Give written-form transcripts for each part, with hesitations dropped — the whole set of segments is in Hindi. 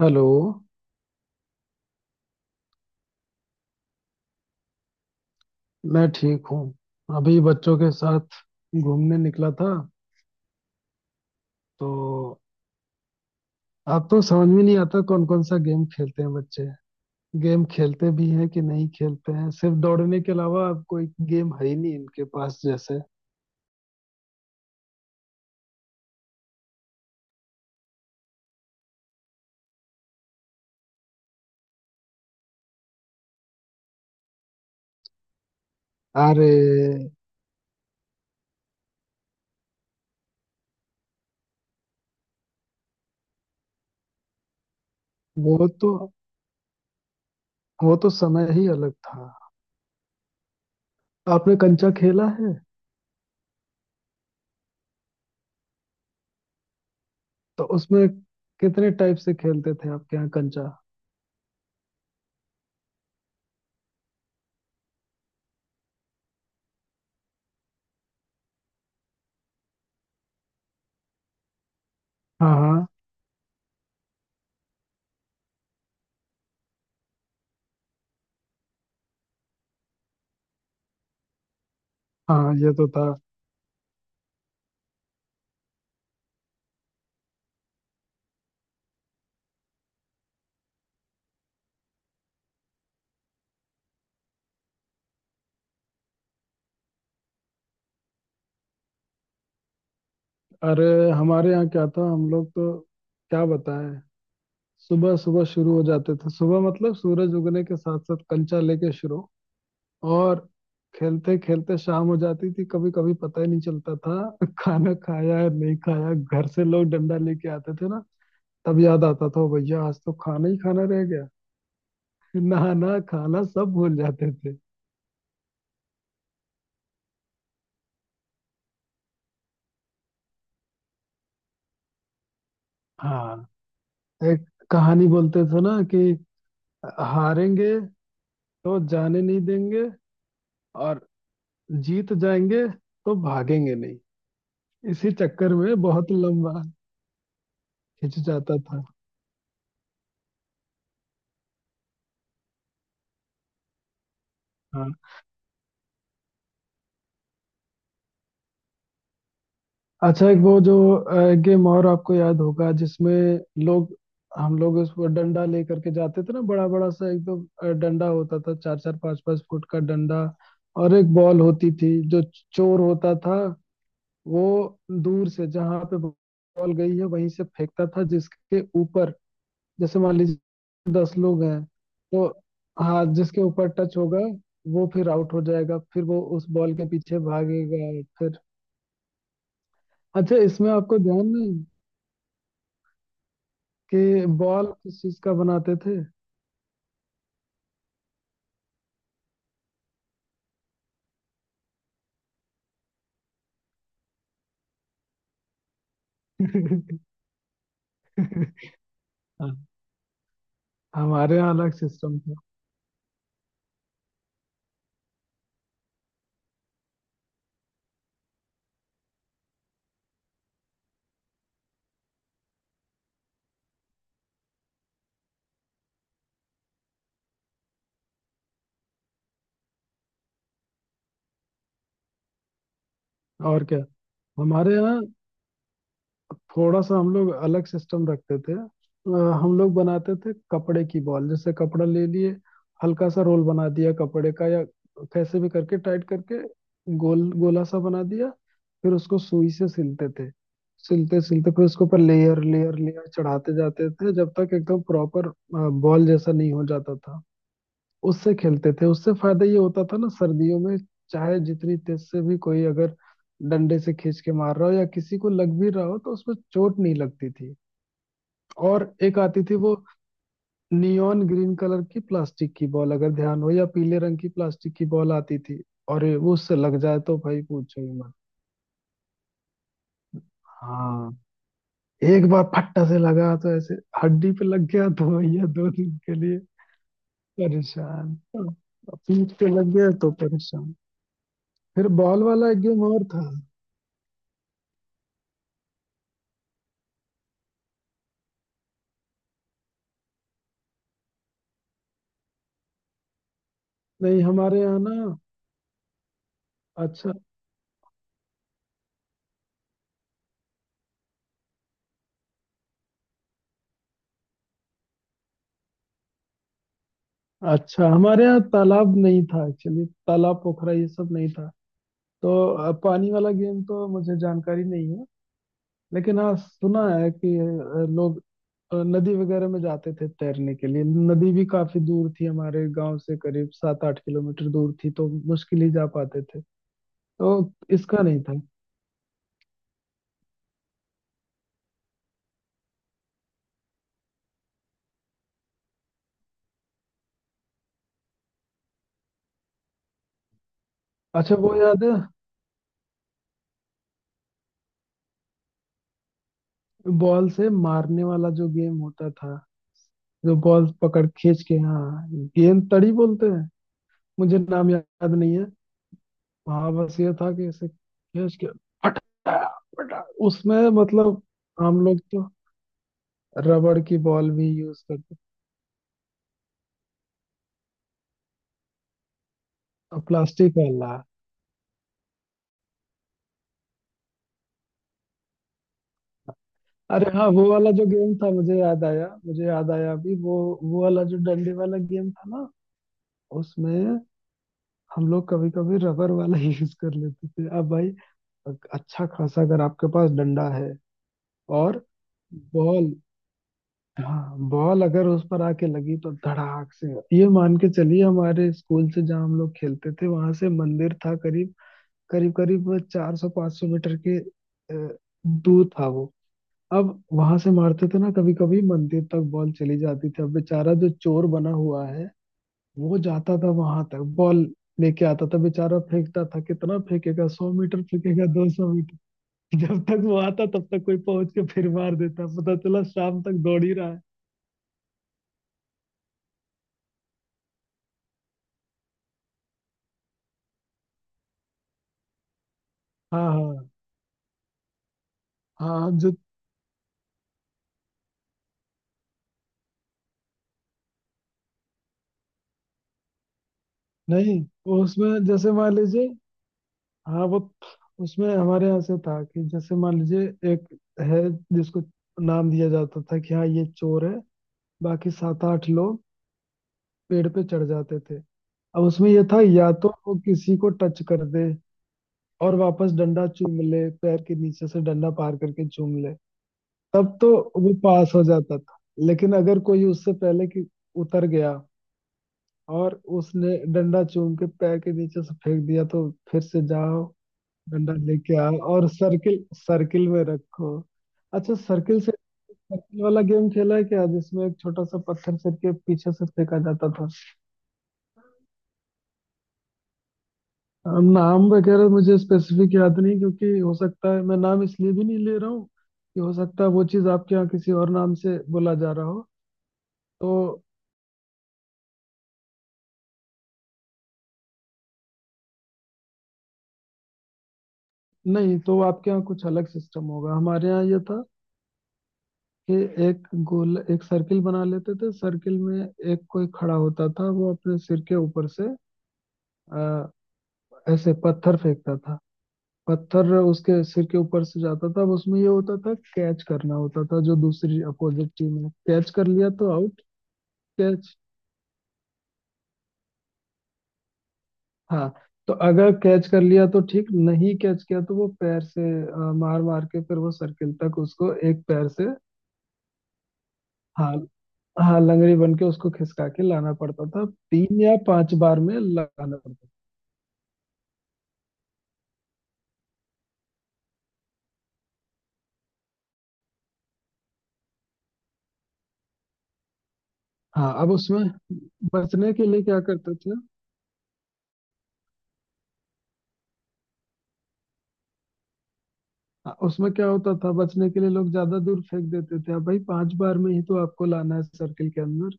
हेलो। मैं ठीक हूँ। अभी बच्चों के साथ घूमने निकला था। तो अब तो समझ में नहीं आता कौन कौन सा गेम खेलते हैं बच्चे। गेम खेलते भी हैं कि नहीं खेलते हैं। सिर्फ दौड़ने के अलावा अब कोई गेम है ही नहीं इनके पास। जैसे अरे वो तो वो तो समय ही अलग था। आपने कंचा खेला है? तो उसमें कितने टाइप से खेलते थे आपके यहाँ कंचा? हाँ, हाँ। हाँ, ये तो था। अरे, हमारे यहाँ क्या था? हम लोग तो क्या बताएं। सुबह सुबह शुरू हो जाते थे। सुबह मतलब सूरज उगने के साथ साथ कंचा लेके शुरू। और खेलते खेलते शाम हो जाती थी, कभी कभी पता ही नहीं चलता था। खाना खाया या नहीं खाया। घर से लोग डंडा लेके आते थे ना। तब याद आता था, "ओ भैया, आज तो खाना ही खाना रह गया"। नहाना खाना सब भूल जाते थे। हाँ। एक कहानी बोलते थे ना कि हारेंगे तो जाने नहीं देंगे। और जीत जाएंगे तो भागेंगे नहीं। इसी चक्कर में बहुत लंबा हिचकिचाता था। हाँ। अच्छा, एक वो जो गेम और आपको याद होगा जिसमें लोग हम लोग उस पर डंडा लेकर के जाते थे ना। बड़ा बड़ा सा एकदम डंडा होता था। 4-4, 5-5 फुट का डंडा। और एक बॉल होती थी जो चोर होता था। वो दूर से जहां पे बॉल गई है वहीं से फेंकता था जिसके ऊपर। जैसे मान लीजिए 10 लोग हैं तो। हाँ, जिसके ऊपर टच होगा वो फिर आउट हो जाएगा। फिर वो उस बॉल के पीछे भागेगा फिर। अच्छा, इसमें आपको ध्यान नहीं कि बॉल किस चीज का बनाते थे? हाँ, हमारे यहाँ अलग सिस्टम था। और क्या, हमारे यहाँ थोड़ा सा हम लोग अलग सिस्टम रखते थे। हम लोग बनाते थे कपड़े की बॉल। जैसे कपड़ा ले लिए, हल्का सा रोल बना दिया कपड़े का। या कैसे भी करके टाइट करके गोल गोला सा बना दिया। फिर उसको सुई से सिलते थे। सिलते सिलते फिर उसके ऊपर लेयर लेयर लेयर चढ़ाते जाते थे जब तक एकदम प्रॉपर बॉल जैसा नहीं हो जाता था। उससे खेलते थे। उससे फायदा ये होता था ना सर्दियों में, चाहे जितनी तेज से भी कोई अगर डंडे से खींच के मार रहा हो या किसी को लग भी रहा हो तो उसमें चोट नहीं लगती थी। और एक आती थी वो नियॉन ग्रीन कलर की प्लास्टिक की बॉल, अगर ध्यान हो, या पीले रंग की प्लास्टिक की बॉल आती थी। और वो उससे लग जाए तो भाई पूछो ही मत। हाँ, एक बार फट्टा से लगा तो ऐसे हड्डी पे लग गया तो भैया 2 दिन के लिए परेशान। पीठ पे लग गया तो परेशान। फिर बॉल वाला एक गेम और था। नहीं, हमारे यहाँ ना। अच्छा, अच्छा, हमारे यहाँ तालाब नहीं था एक्चुअली। तालाब, पोखरा, ये सब नहीं था। तो पानी वाला गेम तो मुझे जानकारी नहीं है। लेकिन हाँ, सुना है कि लोग नदी वगैरह में जाते थे तैरने के लिए। नदी भी काफी दूर थी हमारे गांव से, करीब 7-8 किलोमीटर दूर थी तो मुश्किल ही जा पाते थे। तो इसका नहीं था। अच्छा, वो याद है, बॉल से मारने वाला जो गेम होता था, जो बॉल पकड़ खींच के। हाँ, गेंद तड़ी बोलते हैं। मुझे नाम याद नहीं है। हाँ, बस ये था कि इसे कैच किया। फटा फटा, उसमें मतलब हम लोग तो रबड़ की बॉल भी यूज करते। अब प्लास्टिक वाला। अरे हाँ, वो वाला जो गेम था, मुझे याद आया, मुझे याद आया अभी। वो वाला जो डंडे वाला गेम था ना। उसमें हम लोग कभी कभी रबर वाला ही यूज कर लेते थे। अब भाई, अच्छा खासा अगर आपके पास डंडा है और बॉल, हाँ, बॉल अगर उस पर आके लगी तो धड़ाक से। ये मान के चलिए हमारे स्कूल से, जहाँ हम लोग खेलते थे, वहां से मंदिर था करीब करीब करीब 400-500 मीटर के दूर था वो। अब वहां से मारते थे ना, कभी कभी मंदिर तक बॉल चली जाती थी। अब बेचारा जो चोर बना हुआ है, वो जाता था वहां तक, बॉल लेके आता था बेचारा, फेंकता था। कितना फेंकेगा? सौ मीटर फेंकेगा, 200 मीटर। जब तक वो आता तब तक कोई पहुंच के फिर मार देता। पता चला शाम तक दौड़ ही रहा है। हाँ, हाँ, हाँ, जो नहीं। वो उसमें जैसे मान लीजिए, हाँ, वो उसमें हमारे यहाँ से था कि जैसे मान लीजिए एक है जिसको नाम दिया जाता था कि हाँ, ये चोर है। बाकी 7-8 लोग पेड़ पे चढ़ जाते थे। अब उसमें ये था, या तो वो किसी को टच कर दे और वापस डंडा चूम ले, पैर के नीचे से डंडा पार करके चूम ले, तब तो वो पास हो जाता था। लेकिन अगर कोई उससे पहले कि उतर गया और उसने डंडा चूम के पैर के नीचे से फेंक दिया तो फिर से जाओ, डंडा लेके आओ और सर्किल सर्किल में रखो। अच्छा, सर्किल से सर्किल वाला गेम खेला है क्या जिसमें एक छोटा सा पत्थर सर के पीछे से फेंका जाता था? नाम वगैरह मुझे स्पेसिफिक याद नहीं, क्योंकि हो सकता है, मैं नाम इसलिए भी नहीं ले रहा हूँ कि हो सकता है वो चीज़ आपके यहाँ किसी और नाम से बोला जा रहा हो। तो नहीं तो आपके यहाँ कुछ अलग सिस्टम होगा। हमारे यहाँ ये था कि एक गोल, एक सर्किल बना लेते थे। सर्किल में एक कोई खड़ा होता था, वो अपने सिर के ऊपर से आ, ऐसे पत्थर फेंकता था। पत्थर उसके सिर के ऊपर से जाता था। अब उसमें ये होता था, कैच करना होता था। जो दूसरी अपोजिट टीम ने कैच कर लिया तो आउट। कैच, हाँ। तो अगर कैच कर लिया तो ठीक, नहीं कैच किया तो वो पैर से मार मार के फिर वो सर्किल तक उसको एक पैर से, हाँ, हाँ, लंगड़ी बन के उसको खिसका के लाना पड़ता था। 3 या 5 बार में लगाना पड़ता था। हाँ, अब उसमें बचने के लिए क्या करते थे। उसमें क्या होता था, बचने के लिए लोग ज्यादा दूर फेंक देते थे। अब भाई, 5 बार में ही तो आपको लाना है सर्किल के अंदर।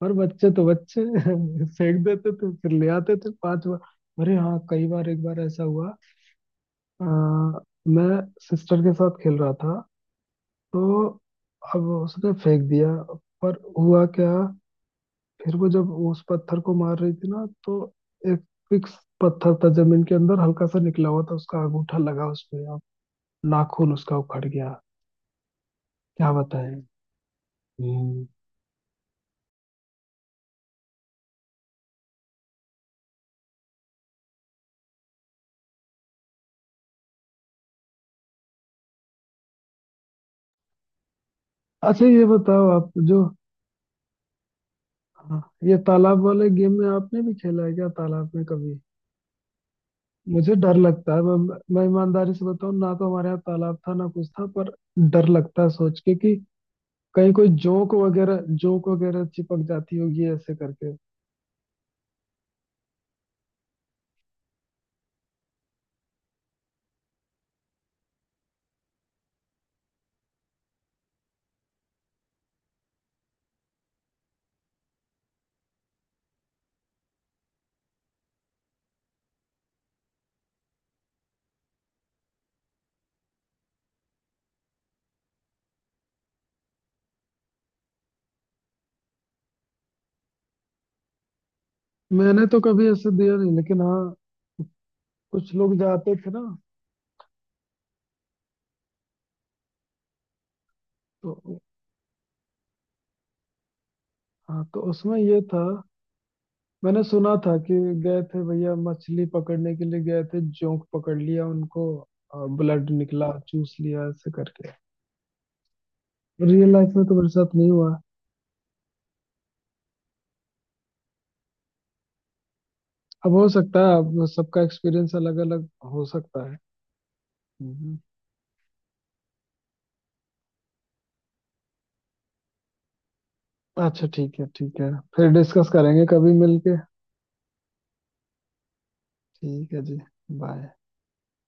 पर बच्चे तो बच्चे फेंक देते थे फिर ले आते थे 5 बार। अरे हाँ, कई बार। एक बार ऐसा हुआ, अ, मैं सिस्टर के साथ खेल रहा था। तो अब उसने फेंक दिया, पर हुआ क्या, फिर वो जब उस पत्थर को मार रही थी ना, तो एक फिक्स पत्थर था जमीन के अंदर हल्का सा निकला हुआ था, उसका अंगूठा लगा उसपे। नाखून उसका उखड़ गया। क्या बताएं। हम्म। अच्छा, ये बताओ आप जो, हाँ, ये तालाब वाले गेम में आपने भी खेला है क्या, तालाब में कभी? मुझे डर लगता है, मैं ईमानदारी से बताऊं ना तो हमारे यहाँ तालाब था ना कुछ था, पर डर लगता है सोच के कि कहीं कोई जोंक वगैरह, जोंक वगैरह चिपक जाती होगी ऐसे करके। मैंने तो कभी ऐसे दिया नहीं, लेकिन हाँ। कुछ लोग जाते थे ना तो। हाँ, तो उसमें ये था, मैंने सुना था कि गए थे भैया मछली पकड़ने के लिए, गए थे, जोंक पकड़ लिया उनको, ब्लड निकला, चूस लिया ऐसे करके। रियल लाइफ में तो मेरे साथ नहीं हुआ। अब हो सकता है, अब सबका एक्सपीरियंस अलग अलग हो सकता है। हम्म। अच्छा, ठीक है, ठीक है, फिर डिस्कस करेंगे कभी मिलके। ठीक है जी। बाय।